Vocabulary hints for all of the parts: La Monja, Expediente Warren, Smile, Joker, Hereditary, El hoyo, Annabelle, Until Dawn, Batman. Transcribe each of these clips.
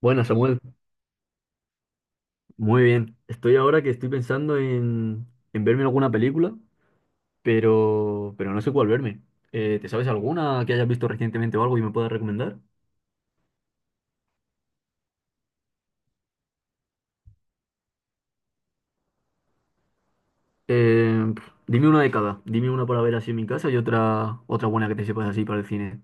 Bueno, Samuel, muy bien. Estoy ahora que estoy pensando en, verme alguna película, pero no sé cuál verme. ¿Te sabes alguna que hayas visto recientemente o algo y me puedas recomendar? Dime una de cada. Dime una para ver así en mi casa y otra buena que te sepas así para el cine.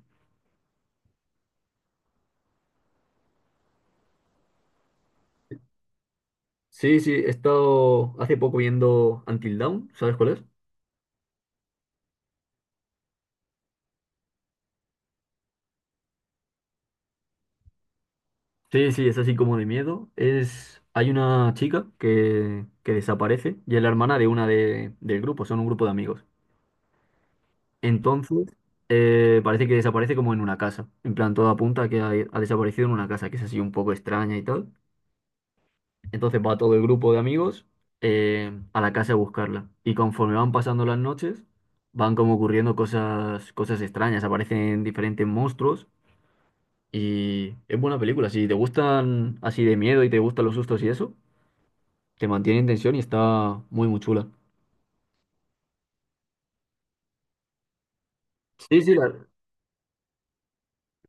Sí, sí, he estado hace poco viendo Until Dawn, ¿sabes cuál es? Sí, sí, es así como de miedo. Es, hay una chica que desaparece y es la hermana del grupo, son un grupo de amigos. Entonces, parece que desaparece como en una casa. En plan, todo apunta a que ha desaparecido en una casa, que es así un poco extraña y tal. Entonces va todo el grupo de amigos a la casa a buscarla. Y conforme van pasando las noches, van como ocurriendo cosas extrañas. Aparecen diferentes monstruos. Y es buena película. Si te gustan así de miedo y te gustan los sustos y eso, te mantiene en tensión y está muy chula. Sí, sí, la,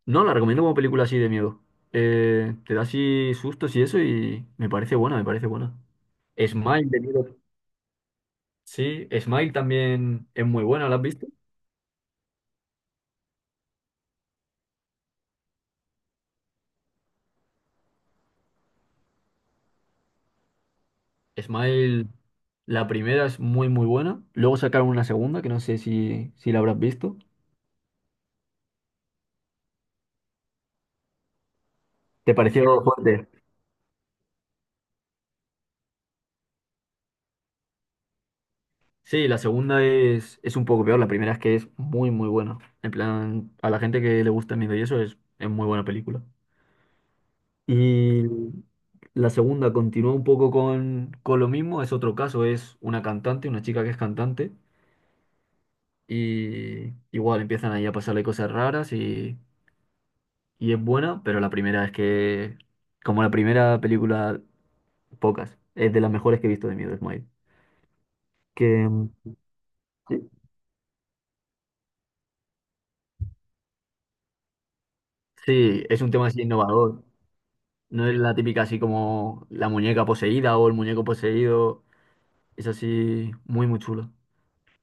No, la recomiendo como película así de miedo. Te da así sustos y eso y me parece me parece buena. Mm. Smile de miedo. Sí, Smile también es muy buena, ¿la has visto? Smile, la primera es muy buena. Luego sacaron una segunda que no sé si la habrás visto. ¿Te pareció fuerte? Sí, la segunda es un poco peor. La primera es que es muy buena. En plan, a la gente que le gusta el miedo y eso es muy buena película. Y la segunda continúa un poco con lo mismo, es otro caso, es una cantante, una chica que es cantante, y igual empiezan ahí a pasarle cosas raras y es buena, pero la primera es que, como la primera película, pocas, es de las mejores que he visto de Miedo, Smile. Que mm, sí, sí, es un tema así innovador, no es la típica así como la muñeca poseída o el muñeco poseído, es así muy chulo.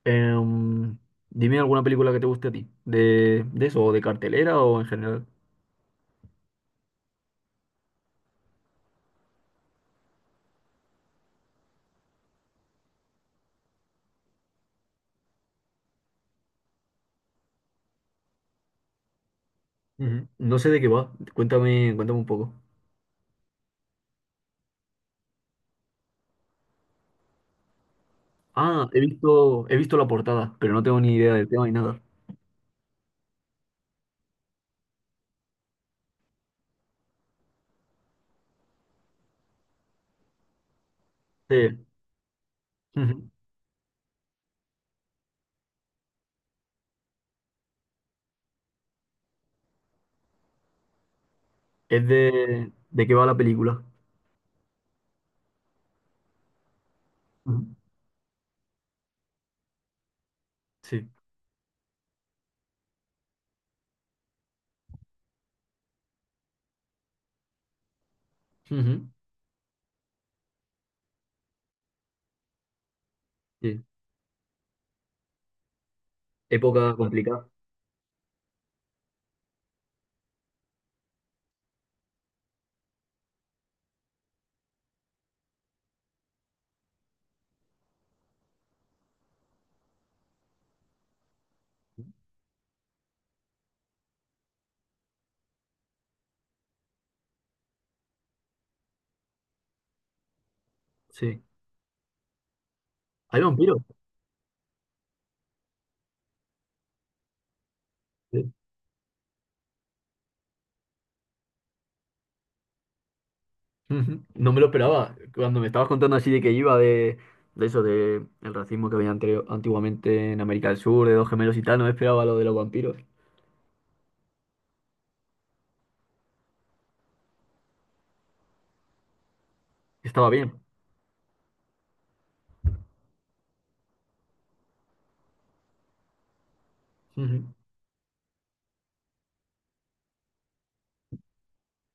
Em, Dime alguna película que te guste a ti, de eso, o de cartelera o en general. Ujú. No sé de qué va, cuéntame un poco. Ah, he visto la portada, pero no tengo ni idea del tema ni nada. Sí. Ujú. Es de qué va la película. Ujú. Sí. Ujú. Sí. Época complicada. Sí. Hay vampiros. Sí. Ujú. No me lo esperaba. Cuando me estabas contando así de que iba de eso, de el racismo que había antiguamente en América del Sur, de dos gemelos y tal, no me esperaba lo de los vampiros. Estaba bien.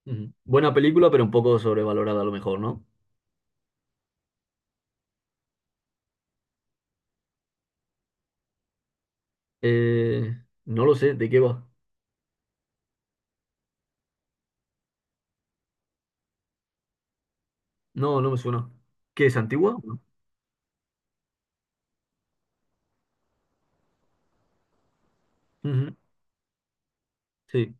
Ujú, ujú. Buena película, pero un poco sobrevalorada a lo mejor, ¿no? Eh, no lo sé, ¿de qué va? No, no me suena. ¿Qué es antigua? No. Ujú. Sí.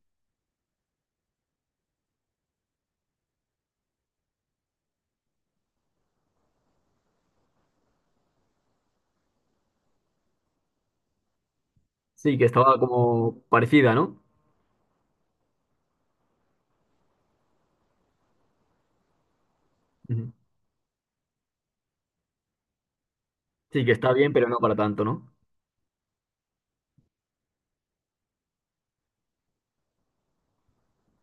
Sí, que estaba como parecida, ¿no? Ujú. Sí, que está bien, pero no para tanto, ¿no?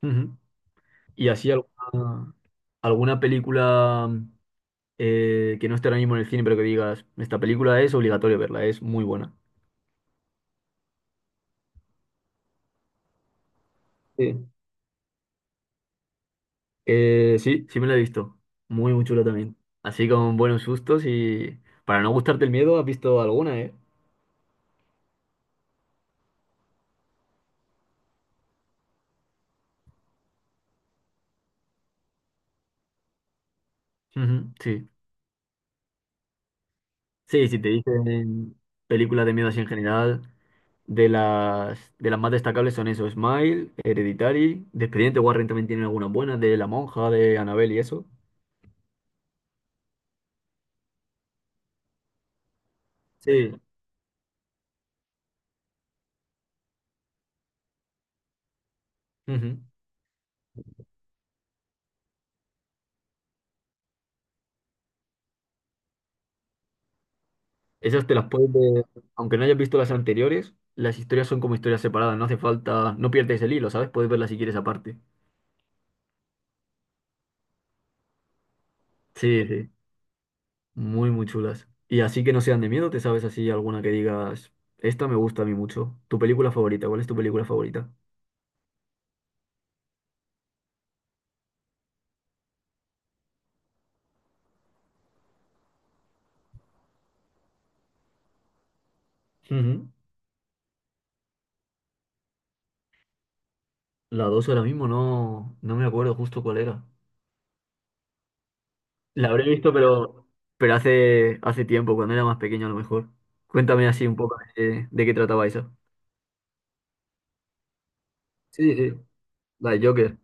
Ujú. Y así alguna película que no esté ahora mismo en el cine, pero que digas, esta película es obligatorio verla, es muy buena. Sí. Sí me la he visto. Muy chula también. Así con buenos sustos y para no gustarte el miedo, has visto alguna, ¿eh? Ujú, sí. Sí, si te dicen películas de miedo así en general, de las más destacables son eso, Smile, Hereditary, de Expediente Warren también tienen algunas buenas, de La Monja, de Annabelle y eso. Sí, ujú. Esas te las puedes ver, aunque no hayas visto las anteriores, las historias son como historias separadas, no hace falta, no pierdes el hilo, ¿sabes? Puedes verlas si quieres aparte. Sí, sí. Muy chulas. Y así que no sean de miedo, ¿te sabes así alguna que digas, esta me gusta a mí mucho? ¿Tu película favorita? ¿Cuál es tu película favorita? Ujú. La 2 ahora mismo no, no me acuerdo justo cuál era. La habré visto, pero hace tiempo, cuando era más pequeño a lo mejor. Cuéntame así un poco de qué trataba eso. Sí, sí, la de Joker.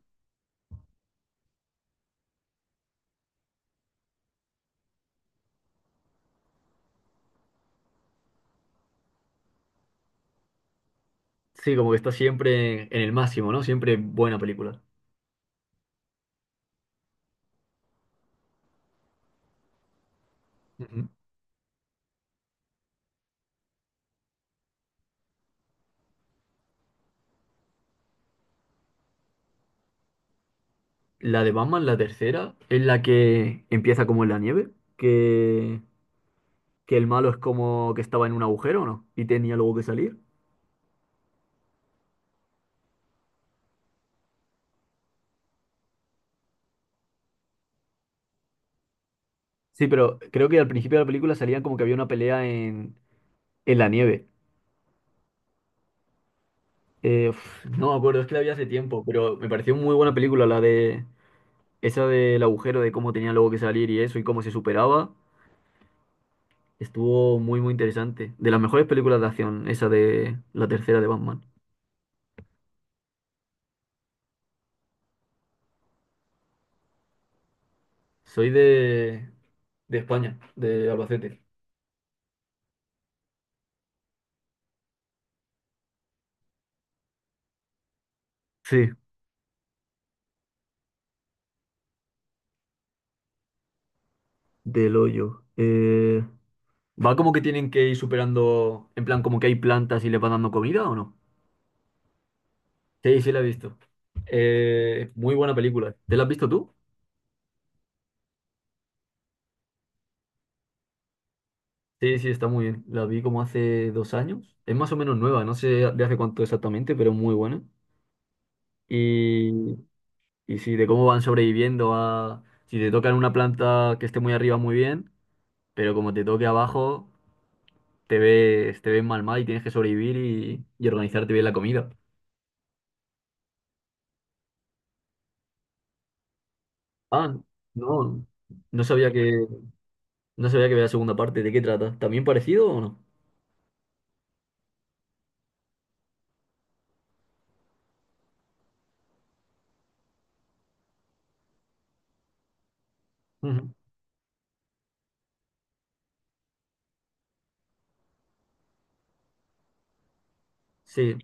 Sí, como que está siempre en el máximo, ¿no? Siempre buena película. Ujú. La de Batman, la tercera, es la que empieza como en la nieve, que que el malo es como que estaba en un agujero, ¿no? Y tenía luego que salir. Sí, pero creo que al principio de la película salían como que había una pelea en la nieve. No me acuerdo, es que la vi hace tiempo, pero me pareció muy buena película la de esa del agujero, de cómo tenía luego que salir y eso, y cómo se superaba. Estuvo muy interesante. De las mejores películas de acción, esa de la tercera de Batman. Soy de España, de Albacete. Sí, del hoyo. ¿Va como que tienen que ir superando, en plan, como que hay plantas y les van dando comida o no? Sí, sí, la he visto. Muy buena película. ¿Te la has visto tú? Sí, sí, está muy bien. La vi como hace 2 años. Es más o menos nueva, no sé de hace cuánto exactamente, pero muy buena. Y, y sí, de cómo van sobreviviendo a... Si te tocan una planta que esté muy arriba, muy bien, pero como te toque abajo, te ves mal mal y tienes que sobrevivir y organizarte bien la comida. Ah, no, no sabía que... No sabía que había segunda parte. ¿De qué trata? ¿También parecido o no? Ujú. Sí.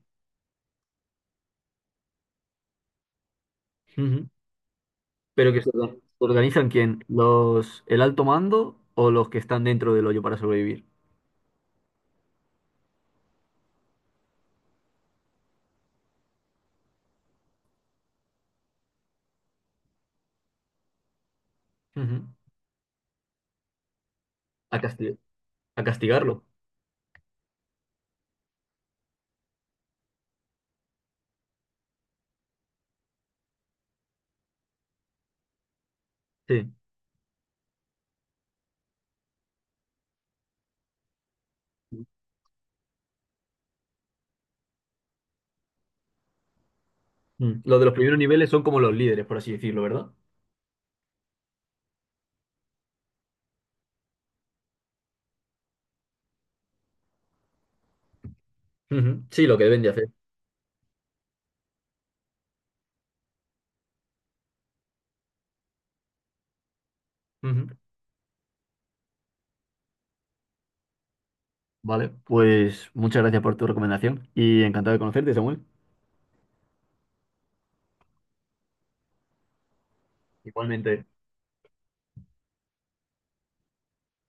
Ujú. Pero que se organizan quién? ¿Los, el alto mando o los que están dentro del hoyo para sobrevivir? Ujú. A casti- a castigarlo. Sí. Mm. Los de los primeros niveles son como los líderes, por así decirlo, ¿verdad? Ujú. Sí, lo que deben de hacer. Ujú. Vale, pues muchas gracias por tu recomendación y encantado de conocerte, Samuel. Igualmente.